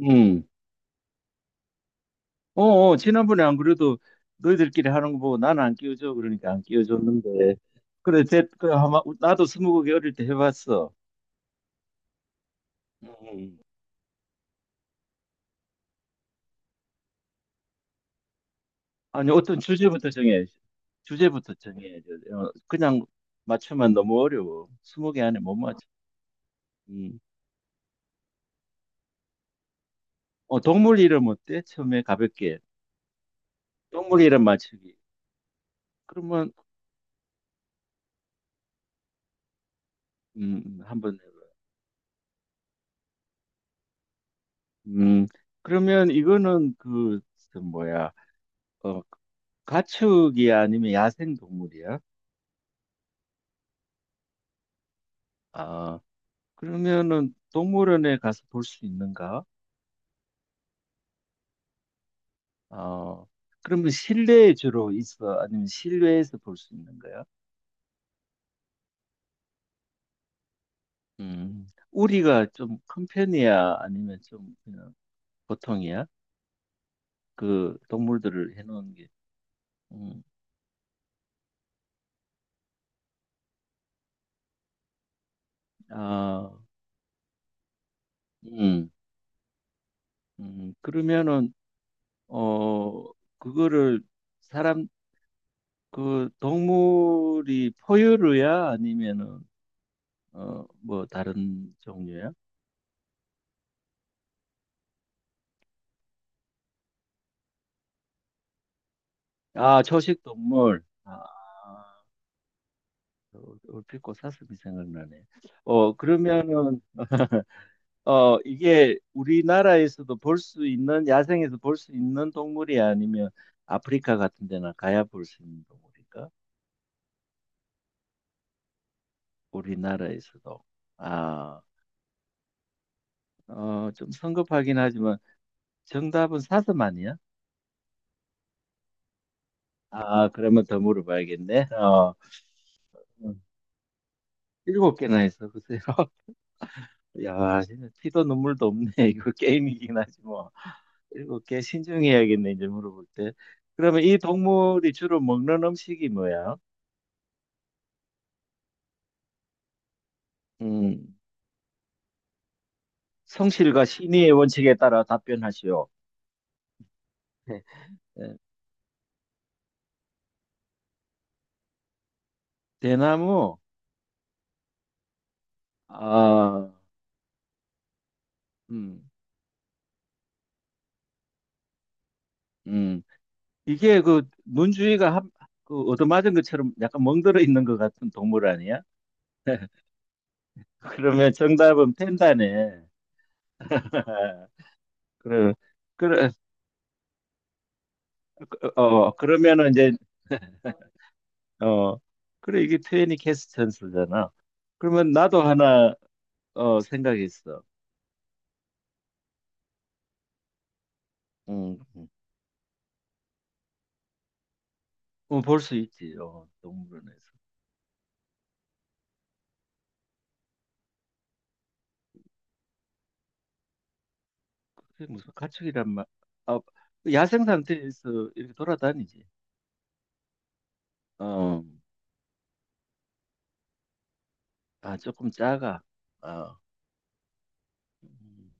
응. 지난번에 안 그래도 너희들끼리 하는 거 보고 나는 안 끼워줘. 그러니까 안 끼워줬는데. 나도 스무고개 어릴 때 해봤어. 음. 아니, 어떤 주제부터 정해. 주제부터 정해. 그냥 맞추면 너무 어려워. 스무개 안에 못 맞춰. 음. 동물 이름 어때? 처음에 가볍게. 동물 이름 맞추기. 그러면, 한번 해봐. 음, 그러면 이거는 그, 저 뭐야. 어, 가축이 아니면 야생 동물이야? 아, 그러면은 동물원에 가서 볼 수 있는가? 어, 그러면 실내에 주로 있어? 아니면 실외에서 볼 수 있는 거야? 우리가 좀 큰 편이야? 아니면 좀 그냥 보통이야? 그 동물들을 해놓은 게. 음, 아, 음, 그러면은, 어, 그거를 사람, 그 동물이 포유류야? 아니면은 뭐 다른 종류야? 아, 초식 동물. 아, 얼핏 고사슴이 생각나네. 어, 그러면은 이게 우리나라에서도 볼 수 있는 야생에서 볼 수 있는 동물이 아니면 아프리카 같은 데나 가야 볼 수 있는 동물인가? 우리나라에서도. 아, 좀 성급하긴 하지만 정답은 사슴 아니야? 아, 그러면 더 물어봐야겠네. 어, 음, 일곱 개나 했어, 글쎄요. 야, 진짜 피도 눈물도 없네. 이거 게임이긴 하지 뭐. 이거 꽤 신중해야겠네, 이제 물어볼 때. 그러면 이 동물이 주로 먹는 음식이 뭐야? 음, 성실과 신의의 원칙에 따라 답변하시오. 네. 예, 대나무. 아, 음, 음. 이게 그 문주위가 한, 그 얻어맞은 것처럼 약간 멍들어 있는 것 같은 동물 아니야? 그러면 정답은 펜다네. 그래, 그래, 그러면은 이제 어, 그래, 이게 표현이 캐스천스잖아. 그러면 나도 하나, 생각했어. 음, 음. 볼 수 있지, 어, 동물원에서. 그게 무슨 가축이란 말, 아, 야생 상태에서 이렇게 돌아다니지. 어, 아, 조금 작아. 어, 음.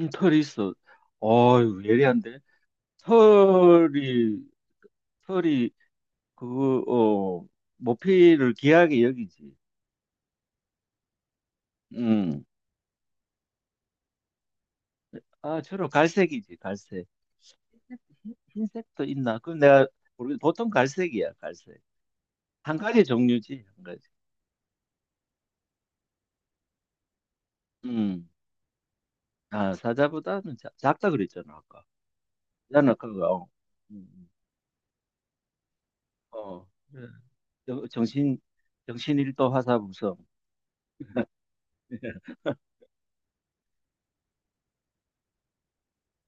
털이 있어. 어유 예리한데? 털이, 털이, 그거, 어, 모피를 귀하게 여기지. 음, 아, 주로 갈색이지, 갈색. 흰- 색도 있나? 그럼 내가 모르겠 보통 갈색이야, 갈색. 한 가지 종류지, 한 가지. 음. 아, 작다 그랬잖아, 아까. 나는 그거. 어. 음, 음. 어. 그래. 정신, 정신일도 화사무성.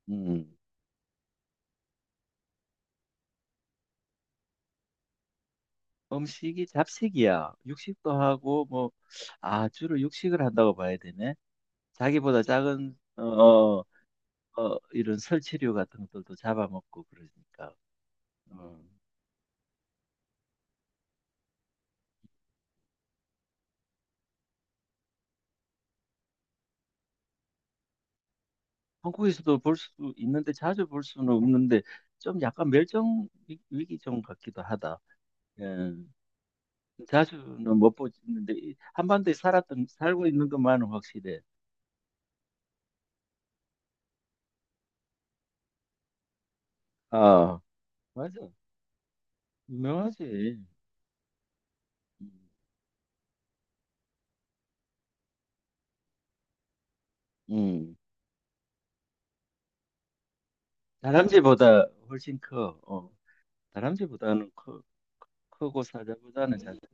음. 음식이 잡식이야. 육식도 하고, 뭐, 아, 주로 육식을 한다고 봐야 되네. 자기보다 작은, 어, 이런 설치류 같은 것들도 잡아먹고 그러니까. 어. 한국에서도 볼 수 있는데 자주 볼 수는 없는데 좀 약간 위기종 같기도 하다. 예. 자주는 못 보는데 이 한반도에 살았던 살고 있는 것만은 확실해. 아, 맞아. 유명하지. 음. 음. 다람쥐보다 훨씬 커. 어. 다람쥐보다는 커, 크고 사자보다는 작지.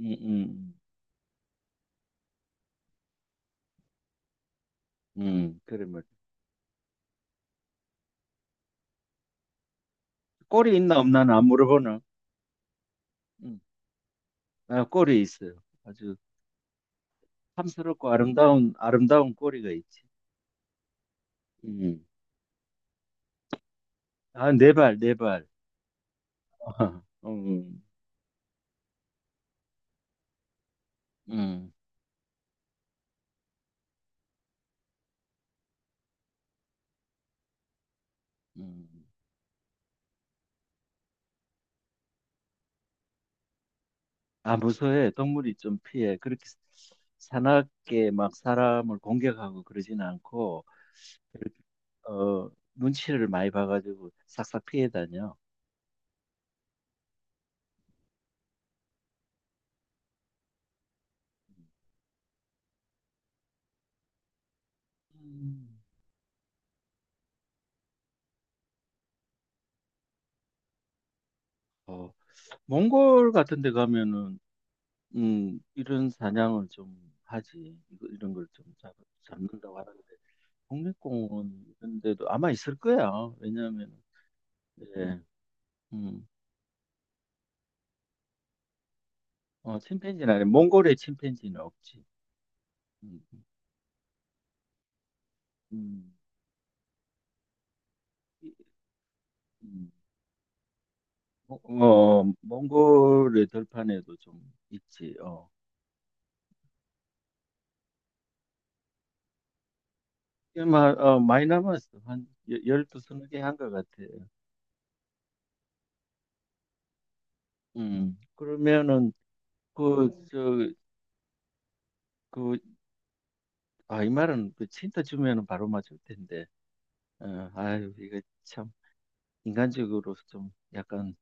음, 음, 그래 뭐 꼬리 있나 없나는 안 물어보나. 음. 아, 꼬리 있어요. 아주 탐스럽고 아름다운 꼬리가 있지. 음. 아, 네 발, 네 발. 음, 음, 음. 아, 무서워해. 동물이 좀 피해. 그렇게 사납게 막 사람을 공격하고 그러진 않고, 눈치를 많이 봐가지고 싹싹 피해 다녀. 음. 어, 몽골 같은 데 가면은, 이런 사냥을 좀 하지. 이거, 이런 걸 좀 잡는다고 하는데, 국립공원 이런 데도 아마 있을 거야. 왜냐하면, 예. 음. 침팬지는 아니, 몽골의 침팬지는 없지. 음, 음, 음. 어, 몽골의 들판에도 좀 있지. 어. 이 마, 어, 많이 남았어. 한 여- 열두 20개 한 것 같아. 음. 그러면은 그 저 그 아 이 말은 그 친다 주면은 바로 맞을 텐데. 어, 아유 이거 참 인간적으로 좀 약간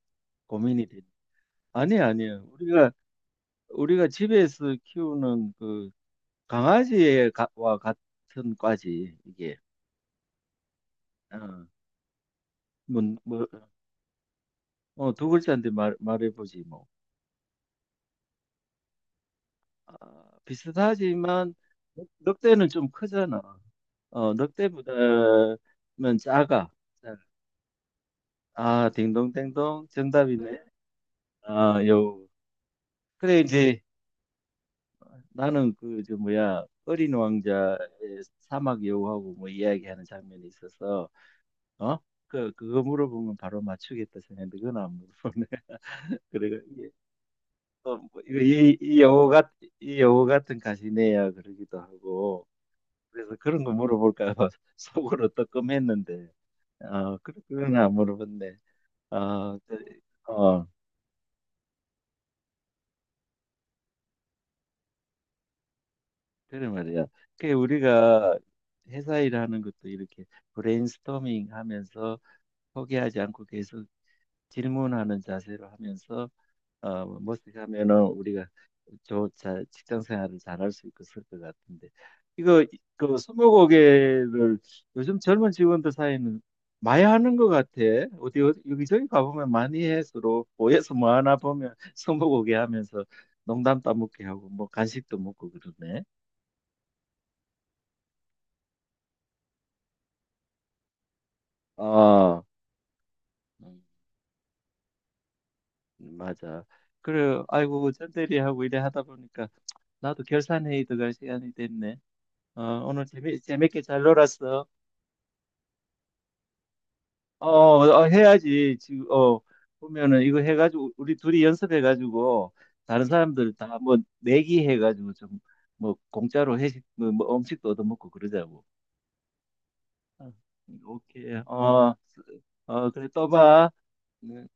고민이 돼. 아니 아니야. 우리가 집에서 키우는 그 강아지와 같은 과지 이게. 어, 뭐, 뭐, 두 글자인데 말, 말해보지 뭐. 아, 비슷하지만 늑대는 좀 크잖아. 어, 늑대보다는 작아. 아 딩동댕동 정답이네. 아 여우. 그래 이제 나는 그 저 뭐야 어린 왕자의 사막 여우하고 뭐 이야기하는 장면이 있어서 어? 그 그거 물어보면 바로 맞추겠다 생각했는데 그건 안 물어보네. 그래. 어, 뭐 이거 이 영어 같, 이 영어 같은 가시네야 그러기도 하고, 그래서 그런 거 물어볼까 봐 속으로 뜨끔했는데 어, 그런 건안 물어봤네. 어, 그- 어, 그래 말이야. 그 우리가 회사 일하는 것도 이렇게 브레인스토밍 하면서 포기하지 않고 계속 질문하는 자세로 하면서 어, 멋지게 하면은 우리가 저 자, 직장 생활을 잘할 수 있고 그럴 것 같은데 이거 그 스무고개를 요즘 젊은 직원들 사이는 많이 하는 것 같아. 여기저기 가보면 많이 해 서로 모여서 뭐 하나 보면 스무고개 하면서 농담 따먹기 하고 뭐 간식도 먹고 그러네. 아, 음, 맞아. 그래, 아이고 전대리하고 이래 하다 보니까 나도 결산회의 들어갈 시간이 됐네. 어, 오늘 재미 재밌게 잘 놀았어. 해야지. 지금, 어, 보면은 이거 해가지고, 우리 둘이 연습해가지고, 다른 사람들 다 뭐, 내기 해가지고 좀, 뭐, 공짜로 회식, 뭐, 뭐 음식도 얻어먹고 그러자고. 어, 오케이. 그래, 또 봐. 네.